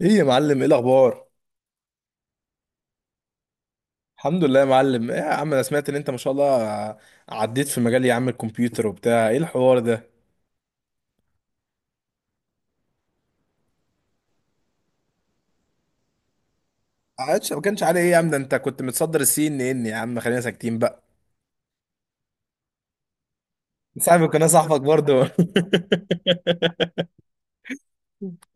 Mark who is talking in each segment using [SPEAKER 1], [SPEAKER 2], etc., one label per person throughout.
[SPEAKER 1] ايه يا معلم، ايه الاخبار؟ الحمد لله يا معلم. ايه يا عم، انا سمعت ان انت ما شاء الله عديت في مجال يا عم الكمبيوتر وبتاع ايه الحوار ده؟ عادش ما كانش عليه ايه يا عم؟ ده انت كنت متصدر السي ان ان يا عم، خلينا ساكتين بقى. صاحبي كنا صاحبك برضه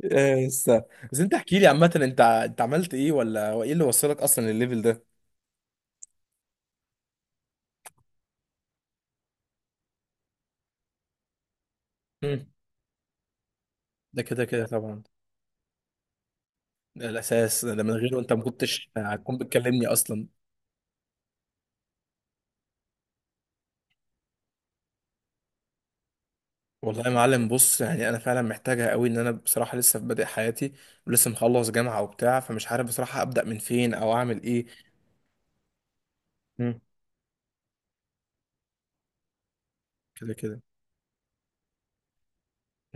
[SPEAKER 1] إيه بس. بس انت احكي لي عامه، انت انت عملت ايه، ولا هو ايه اللي وصلك اصلا للليفل ده؟ مم. ده كده كده طبعا. ده الاساس، ده من غيره انت ما كنتش هتكون بتكلمني اصلا. والله يا معلم بص، يعني انا فعلا محتاجها قوي، ان انا بصراحه لسه في بادئ حياتي. ولسه مخلص جامعه وبتاع، فمش عارف بصراحه ابدا من فين او اعمل ايه. مم. كده كده.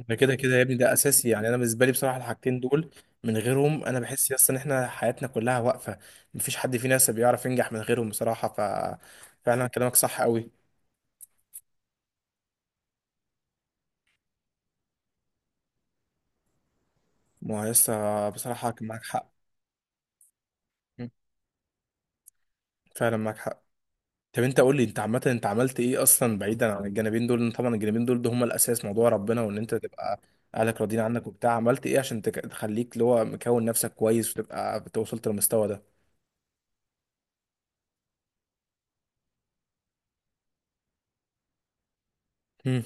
[SPEAKER 1] ده كده كده يا ابني، ده اساسي، يعني انا بالنسبه لي بصراحه الحاجتين دول من غيرهم انا بحس يس ان احنا حياتنا كلها واقفه. مفيش حد فينا لسه بيعرف ينجح من غيرهم بصراحه، فعلا كلامك صح قوي. ما هو لسه بصراحه كان معاك حق. مم. فعلا معاك حق. طب انت قول لي، انت عامه انت عملت ايه اصلا بعيدا عن الجانبين دول؟ لأن طبعا الجانبين دول ده هم الاساس، موضوع ربنا، وان انت تبقى اهلك راضيين عنك وبتاع. عملت ايه عشان تخليك اللي هو مكون نفسك كويس، وتبقى وصلت للمستوى ده؟ امم.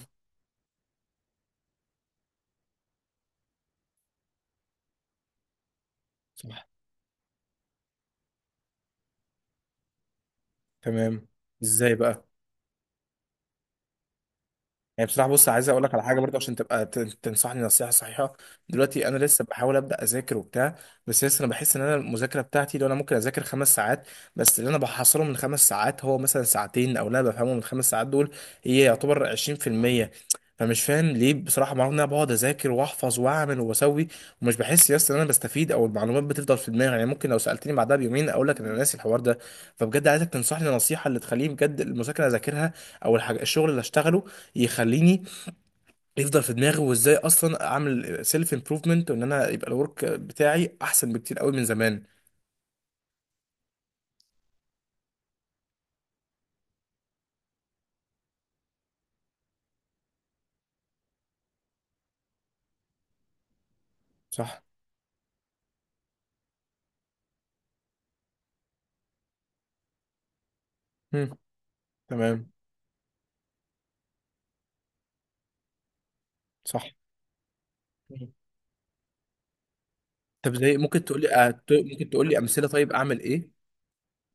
[SPEAKER 1] صح. تمام. ازاي بقى؟ يعني بصراحة بص، عايز اقول لك على حاجة برضه عشان تبقى تنصحني نصيحة صحيحة. دلوقتي انا لسه بحاول ابدا اذاكر وبتاع. بس لسه انا بحس ان انا المذاكرة بتاعتي، لو انا ممكن اذاكر 5 ساعات، بس اللي انا بحصله من 5 ساعات هو مثلا ساعتين، او لا بفهمه من 5 ساعات دول هي يعتبر 20%. فمش فاهم ليه بصراحة معلومة، ان انا بقعد اذاكر واحفظ واعمل واسوي، ومش بحس يا اسطى ان انا بستفيد، او المعلومات بتفضل في دماغي، يعني ممكن لو سألتني بعدها بيومين اقول لك انا ناسي الحوار ده. فبجد عايزك تنصحني نصيحة اللي تخليني بجد المذاكرة اذاكرها، او الحاجة الشغل اللي اشتغله يخليني يفضل في دماغي، وازاي اصلا اعمل سيلف امبروفمنت، وان انا يبقى الورك بتاعي احسن بكتير قوي من زمان. صح. مم. تمام. صح. مم. طب زي ممكن تقول لي، ممكن تقول لي امثله، طيب اعمل ايه؟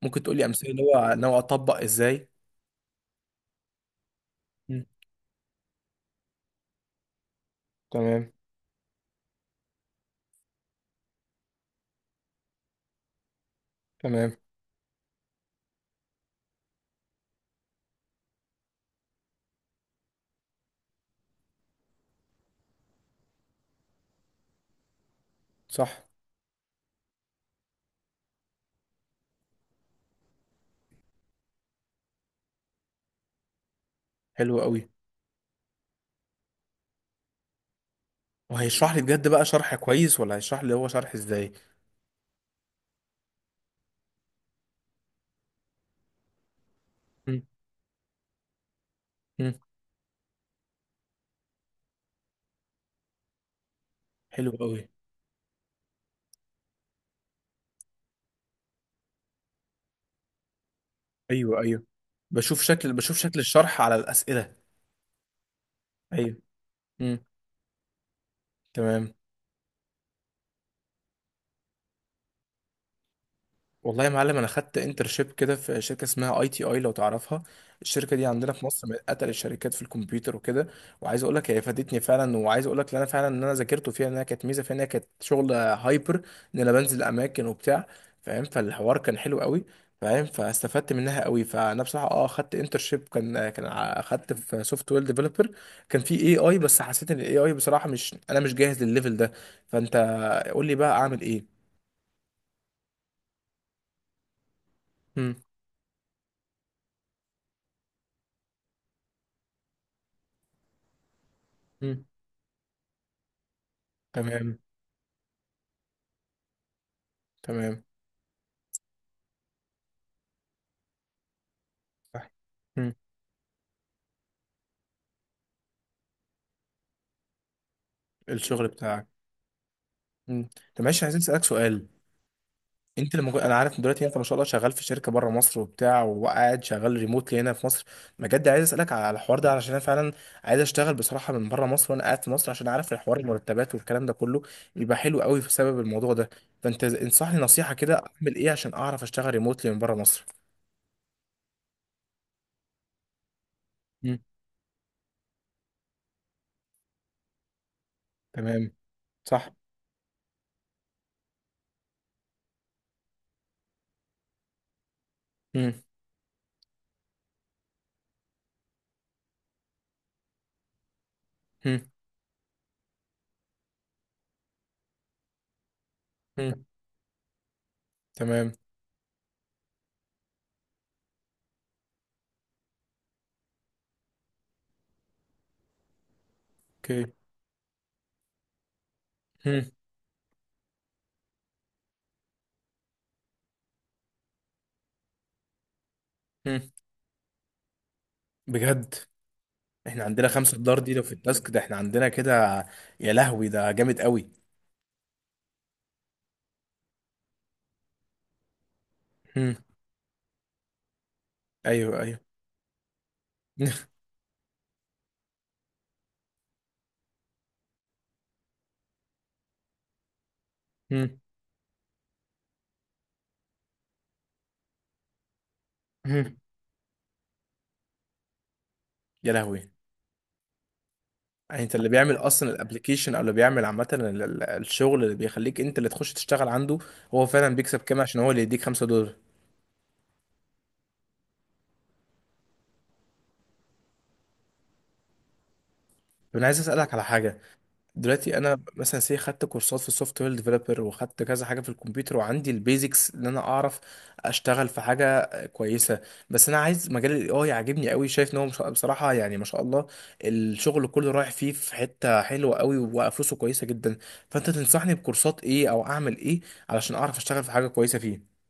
[SPEAKER 1] ممكن تقول لي امثله اللي هو ناوي اطبق ازاي؟ مم. تمام. تمام. صح. حلو قوي. وهيشرح لي بجد بقى شرح كويس، ولا هيشرح لي هو شرح ازاي؟ مم. مم. حلو قوي. ايوه ايوه، بشوف شكل الشرح على الاسئله. ايوه. مم. تمام. والله يا معلم، انا خدت انترشيب كده في شركه اسمها اي تي اي، لو تعرفها. الشركه دي عندنا في مصر من اتقل الشركات في الكمبيوتر وكده. وعايز اقول لك هي فادتني فعلا، وعايز اقول لك ان انا فعلا ان انا ذاكرته فيها، انها كانت ميزه فيها انها كانت شغل هايبر، ان انا بنزل اماكن وبتاع. فاهم، فالحوار كان حلو قوي. فاهم، فاستفدت منها قوي. فانا بصراحه خدت انترشيب، خدت في سوفت وير ديفلوبر. كان في اي اي، بس حسيت ان الاي اي بصراحه، مش انا مش جاهز للليفل ده. فانت قول لي بقى اعمل ايه؟ مم. مم. تمام. تمام. صح. مم. الشغل بتاعك. مم. طب معلش عايزين اسالك سؤال. انا عارف إن دلوقتي انت ما شاء الله شغال في شركه بره مصر وبتاع، وقاعد شغال ريموتلي هنا في مصر. بجد عايز اسالك على الحوار ده، علشان انا فعلا عايز اشتغل بصراحه من بره مصر وانا قاعد في مصر، عشان اعرف الحوار المرتبات والكلام ده كله بيبقى حلو قوي بسبب الموضوع ده. فانت انصحني نصيحه كده، اعمل ايه عشان اعرف اشتغل ريموتلي من بره مصر؟ مم. تمام. صح. مم. مم. مم. تمام. اوكي. مم. مم. بجد؟ احنا عندنا 5 دولار دي لو في التاسك ده احنا عندنا كده؟ يا لهوي ده جامد قوي. هم. ايوه ايوه. هم. هم. يا لهوي. يعني انت اللي بيعمل اصلا الابليكيشن، او اللي بيعمل عامة الشغل اللي بيخليك انت اللي تخش تشتغل عنده، هو فعلا بيكسب كام عشان هو اللي يديك 5 دولار؟ طب انا عايز اسألك على حاجة. دلوقتي انا مثلا سي خدت كورسات في السوفت وير ديفلوبر، وخدت كذا حاجه في الكمبيوتر، وعندي البيزكس ان انا اعرف اشتغل في حاجه كويسه. بس انا عايز مجال الاي اي عاجبني قوي، شايف ان هو بصراحه، يعني ما شاء الله، الشغل كله رايح فيه في حته حلوه قوي، وفلوسه كويسه جدا. فانت تنصحني بكورسات ايه، او اعمل ايه علشان اعرف اشتغل في حاجه كويسه فيه؟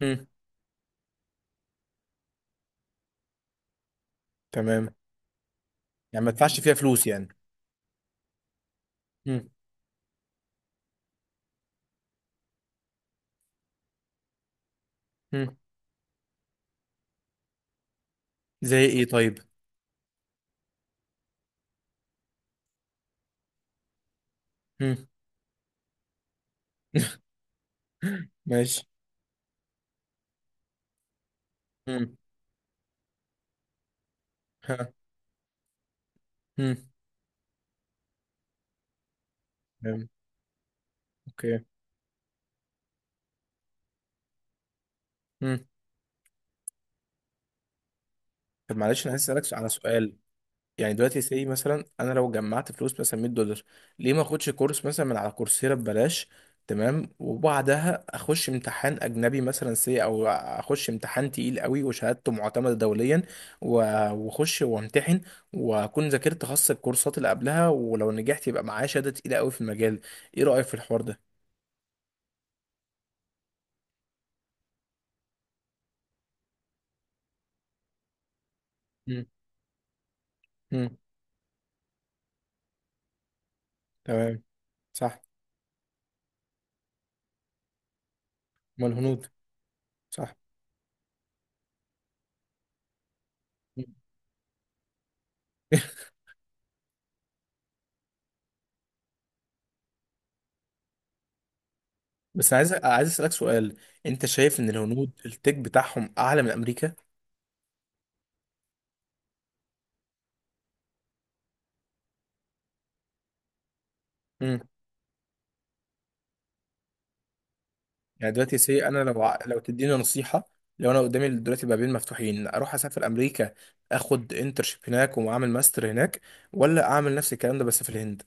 [SPEAKER 1] امم. تمام. يعني ما ادفعش فيها فلوس يعني؟ امم. امم. زي ايه طيب؟ امم. ماشي. امم. ها. امم. تمام. اوكي. مم. طب معلش انا عايز اسالك على سؤال. يعني دلوقتي سي مثلا، انا لو جمعت فلوس مثلا 100 دولار، ليه ما اخدش كورس مثلا من على كورسيرا ببلاش؟ تمام، وبعدها اخش امتحان اجنبي مثلا سي، او اخش امتحان تقيل قوي وشهادته معتمده دوليا، و- واخش وامتحن، واكون ذاكرت خاص الكورسات اللي قبلها، ولو نجحت يبقى معايا شهاده تقيله قوي في المجال. ايه رايك في الحوار ده؟ مم. مم. تمام. صح. ما الهنود. صح. مم. بس عايز اسالك سؤال. انت شايف ان الهنود التك بتاعهم اعلى من امريكا؟ امم. يعني دلوقتي سي انا لو لو تديني نصيحه، لو انا قدامي دلوقتي بابين مفتوحين، اروح اسافر امريكا، اخد انترشيب هناك واعمل ماستر هناك، ولا اعمل نفس الكلام ده بس في الهند؟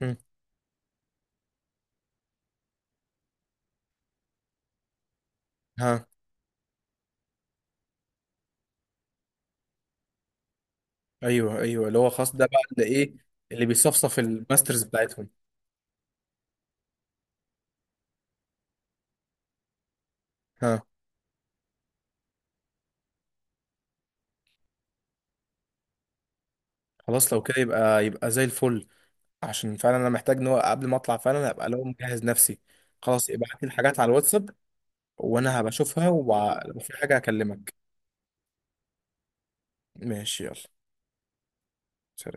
[SPEAKER 1] امم. ها. ايوه ايوه، اللي هو خاص ده بقى اللي ايه، اللي بيصفصف الماسترز بتاعتهم. ها. خلاص لو كده يبقى زي الفل. عشان فعلا انا محتاج ان هو قبل ما اطلع فعلا ابقى لو مجهز نفسي. خلاص ابعت لي الحاجات على الواتساب، وانا هبشوفها، لو في حاجة هكلمك. ماشي يلا. سلام.